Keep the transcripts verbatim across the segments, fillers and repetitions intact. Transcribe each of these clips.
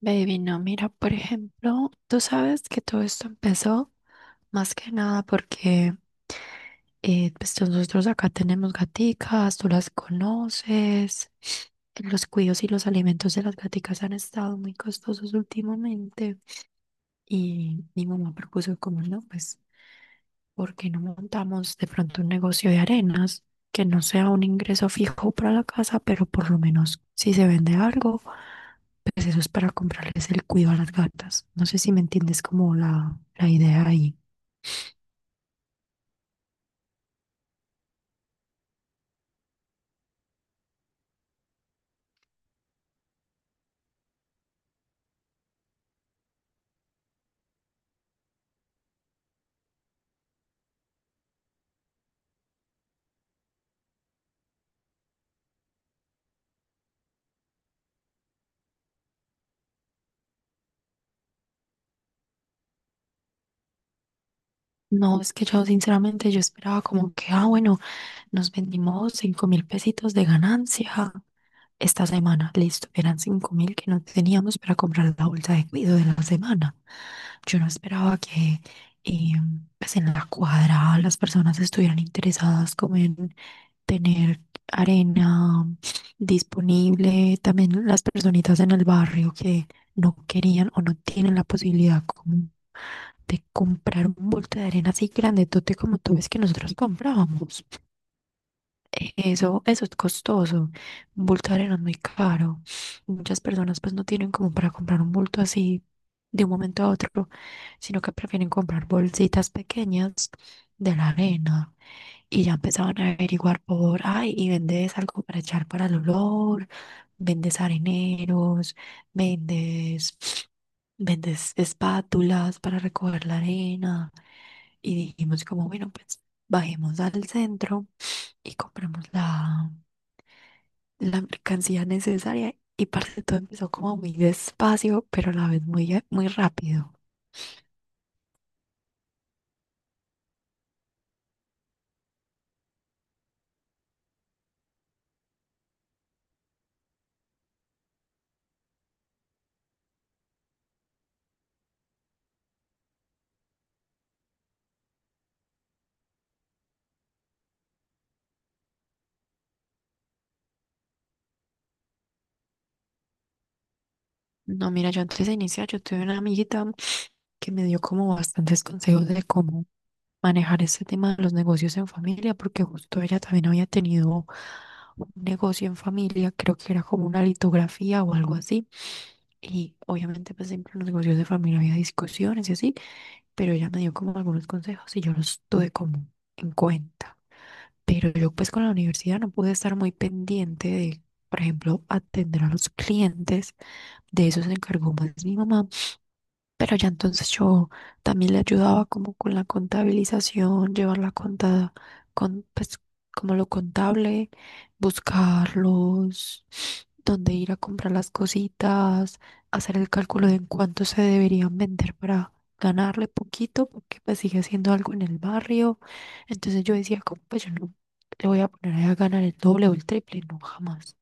Baby, no, mira, por ejemplo, tú sabes que todo esto empezó más que nada porque eh, pues nosotros acá tenemos gaticas, tú las conoces, los cuidos y los alimentos de las gaticas han estado muy costosos últimamente y mi mamá propuso como no, pues ¿por qué no montamos de pronto un negocio de arenas que no sea un ingreso fijo para la casa, pero por lo menos si se vende algo, pues eso es para comprarles el cuido a las gatas? No sé si me entiendes como la, la idea ahí. No, es que yo sinceramente yo esperaba como que, ah, bueno, nos vendimos cinco mil pesitos de ganancia esta semana. Listo, eran cinco mil que no teníamos para comprar la bolsa de cuido de la semana. Yo no esperaba que eh, pues en la cuadra las personas estuvieran interesadas como en tener arena disponible, también las personitas en el barrio que no querían o no tienen la posibilidad como de comprar un bulto de arena así grandotote como tú ves que nosotros comprábamos. Eso, eso es costoso. Un bulto de arena es muy caro. Muchas personas pues no tienen como para comprar un bulto así de un momento a otro, sino que prefieren comprar bolsitas pequeñas de la arena. Y ya empezaban a averiguar por, ay, y vendes algo para echar para el olor, vendes areneros, vendes, vendes espátulas para recoger la arena. Y dijimos como, bueno, pues bajemos al centro y compramos la, la mercancía necesaria y parte todo empezó como muy despacio, pero a la vez muy, muy rápido. No, mira, yo antes de iniciar, yo tuve una amiguita que me dio como bastantes consejos de cómo manejar este tema de los negocios en familia, porque justo ella también había tenido un negocio en familia, creo que era como una litografía o algo así, y obviamente pues siempre en los negocios de familia había discusiones y así, pero ella me dio como algunos consejos y yo los tuve como en cuenta. Pero yo pues con la universidad no pude estar muy pendiente de, por ejemplo, atender a los clientes. De eso se encargó más mi mamá, pero ya entonces yo también le ayudaba como con la contabilización, llevar la cuenta con pues como lo contable, buscarlos, dónde ir a comprar las cositas, hacer el cálculo de en cuánto se deberían vender para ganarle poquito, porque pues sigue haciendo algo en el barrio. Entonces yo decía, como pues yo no le voy a poner ahí a ganar el doble o el triple, no jamás.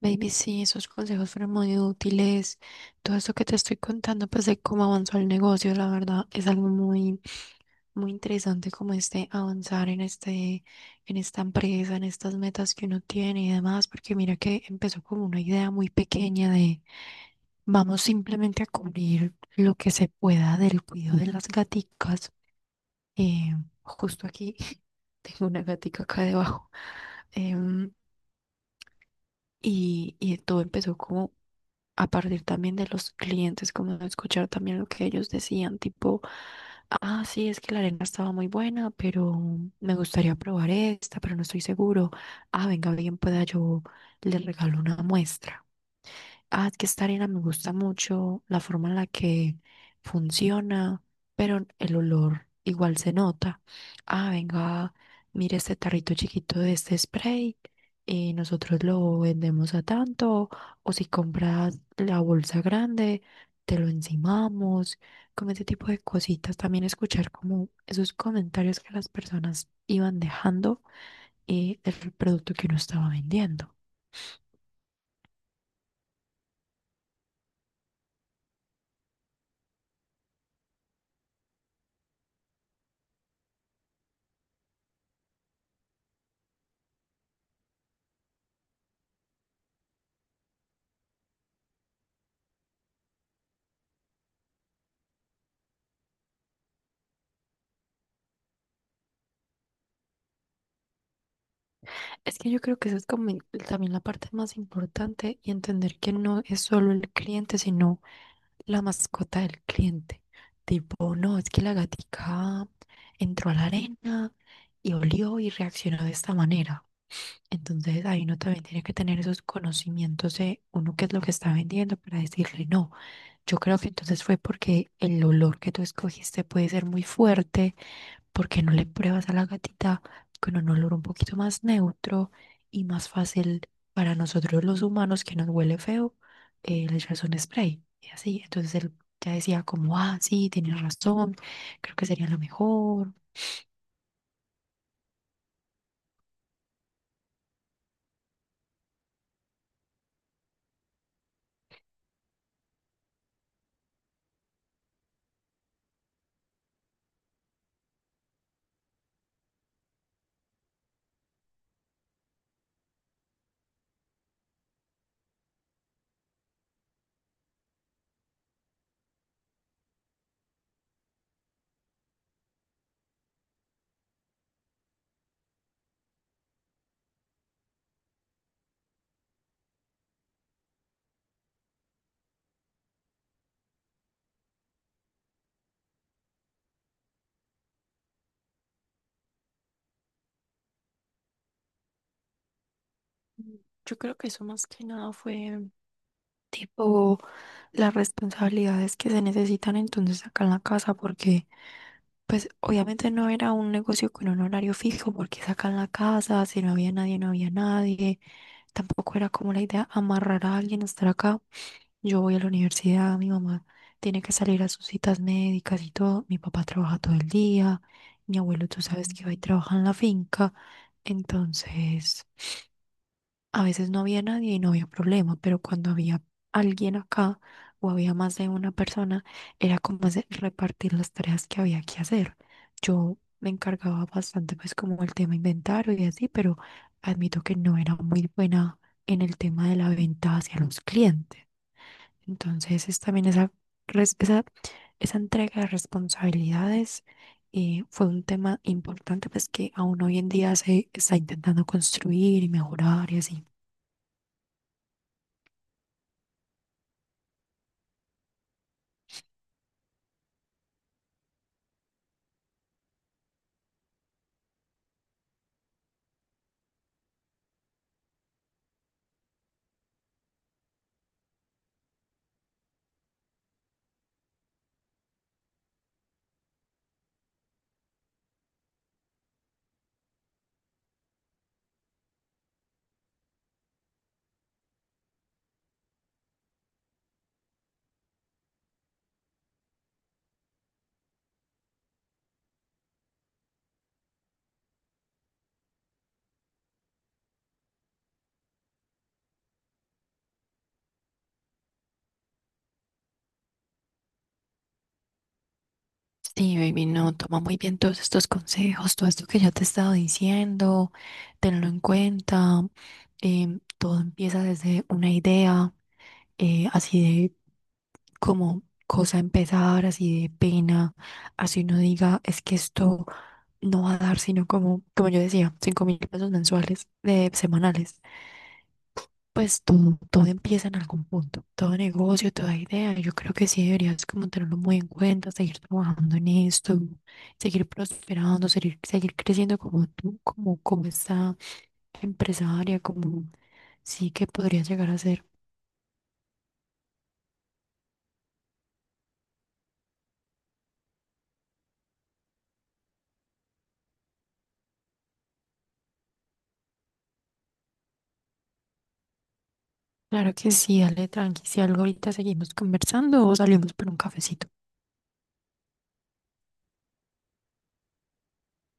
Baby, sí, esos consejos fueron muy útiles. Todo esto que te estoy contando, pues de cómo avanzó el negocio, la verdad, es algo muy, muy interesante como este avanzar en este, en esta empresa, en estas metas que uno tiene y demás, porque mira que empezó como una idea muy pequeña de vamos simplemente a cubrir lo que se pueda del cuidado de las gaticas. Eh, Justo aquí tengo una gatica acá debajo. Em, y, y todo empezó como a partir también de los clientes, como a escuchar también lo que ellos decían, tipo, ah, sí, es que la arena estaba muy buena, pero me gustaría probar esta, pero no estoy seguro. Ah, venga, bien, pueda yo le regalo una muestra. Ah, es que esta arena me gusta mucho la forma en la que funciona, pero el olor igual se nota. Ah, venga, mire este tarrito chiquito de este spray y nosotros lo vendemos a tanto, o si compras la bolsa grande, te lo encimamos, como ese tipo de cositas. También escuchar como esos comentarios que las personas iban dejando eh, del producto que uno estaba vendiendo. Es que yo creo que eso es como el- también la parte más importante y entender que no es solo el cliente, sino la mascota del cliente. Tipo, no, es que la gatica entró a la arena y olió y reaccionó de esta manera. Entonces ahí uno también tiene que tener esos conocimientos de uno qué es lo que está vendiendo para decirle no. Yo creo que entonces fue porque el olor que tú escogiste puede ser muy fuerte, porque no le pruebas a la gatita con un olor un poquito más neutro y más fácil para nosotros los humanos que nos huele feo, eh, le echas un spray y así. Entonces él ya decía como, ah, sí, tienes razón, creo que sería lo mejor. Yo creo que eso más que nada fue tipo las responsabilidades que se necesitan entonces acá en la casa, porque pues obviamente no era un negocio con un horario fijo, porque es acá en la casa, si no había nadie, no había nadie, tampoco era como la idea amarrar a alguien a estar acá. Yo voy a la universidad, mi mamá tiene que salir a sus citas médicas y todo, mi papá trabaja todo el día, mi abuelo tú sabes que va y trabaja en la finca, entonces... A veces no había nadie y no había problema, pero cuando había alguien acá o había más de una persona, era como hacer- repartir las tareas que había que hacer. Yo me encargaba bastante, pues, como el tema inventario y así, pero admito que no era muy buena en el tema de la venta hacia los clientes. Entonces, es también esa, res- esa, esa entrega de responsabilidades, eh, fue un tema importante, pues, que aún hoy en día se está intentando construir y mejorar y así. Sí, baby, no, toma muy bien todos estos consejos, todo esto que yo te he estado diciendo, tenlo en cuenta. Em, todo empieza desde una idea, eh, así de como cosa a empezar, así de pena, así uno diga, es que esto no va a dar, sino como, como, yo decía, cinco mil pesos mensuales, de semanales. Pues todo, todo empieza en algún punto, todo negocio, toda idea. Yo creo que sí deberías como tenerlo muy en cuenta, seguir trabajando en esto, seguir prosperando, seguir, seguir creciendo como tú, como, como esta empresaria, como sí que podría llegar a ser. Claro que sí, dale tranqui. Si algo ahorita seguimos conversando o salimos por un cafecito.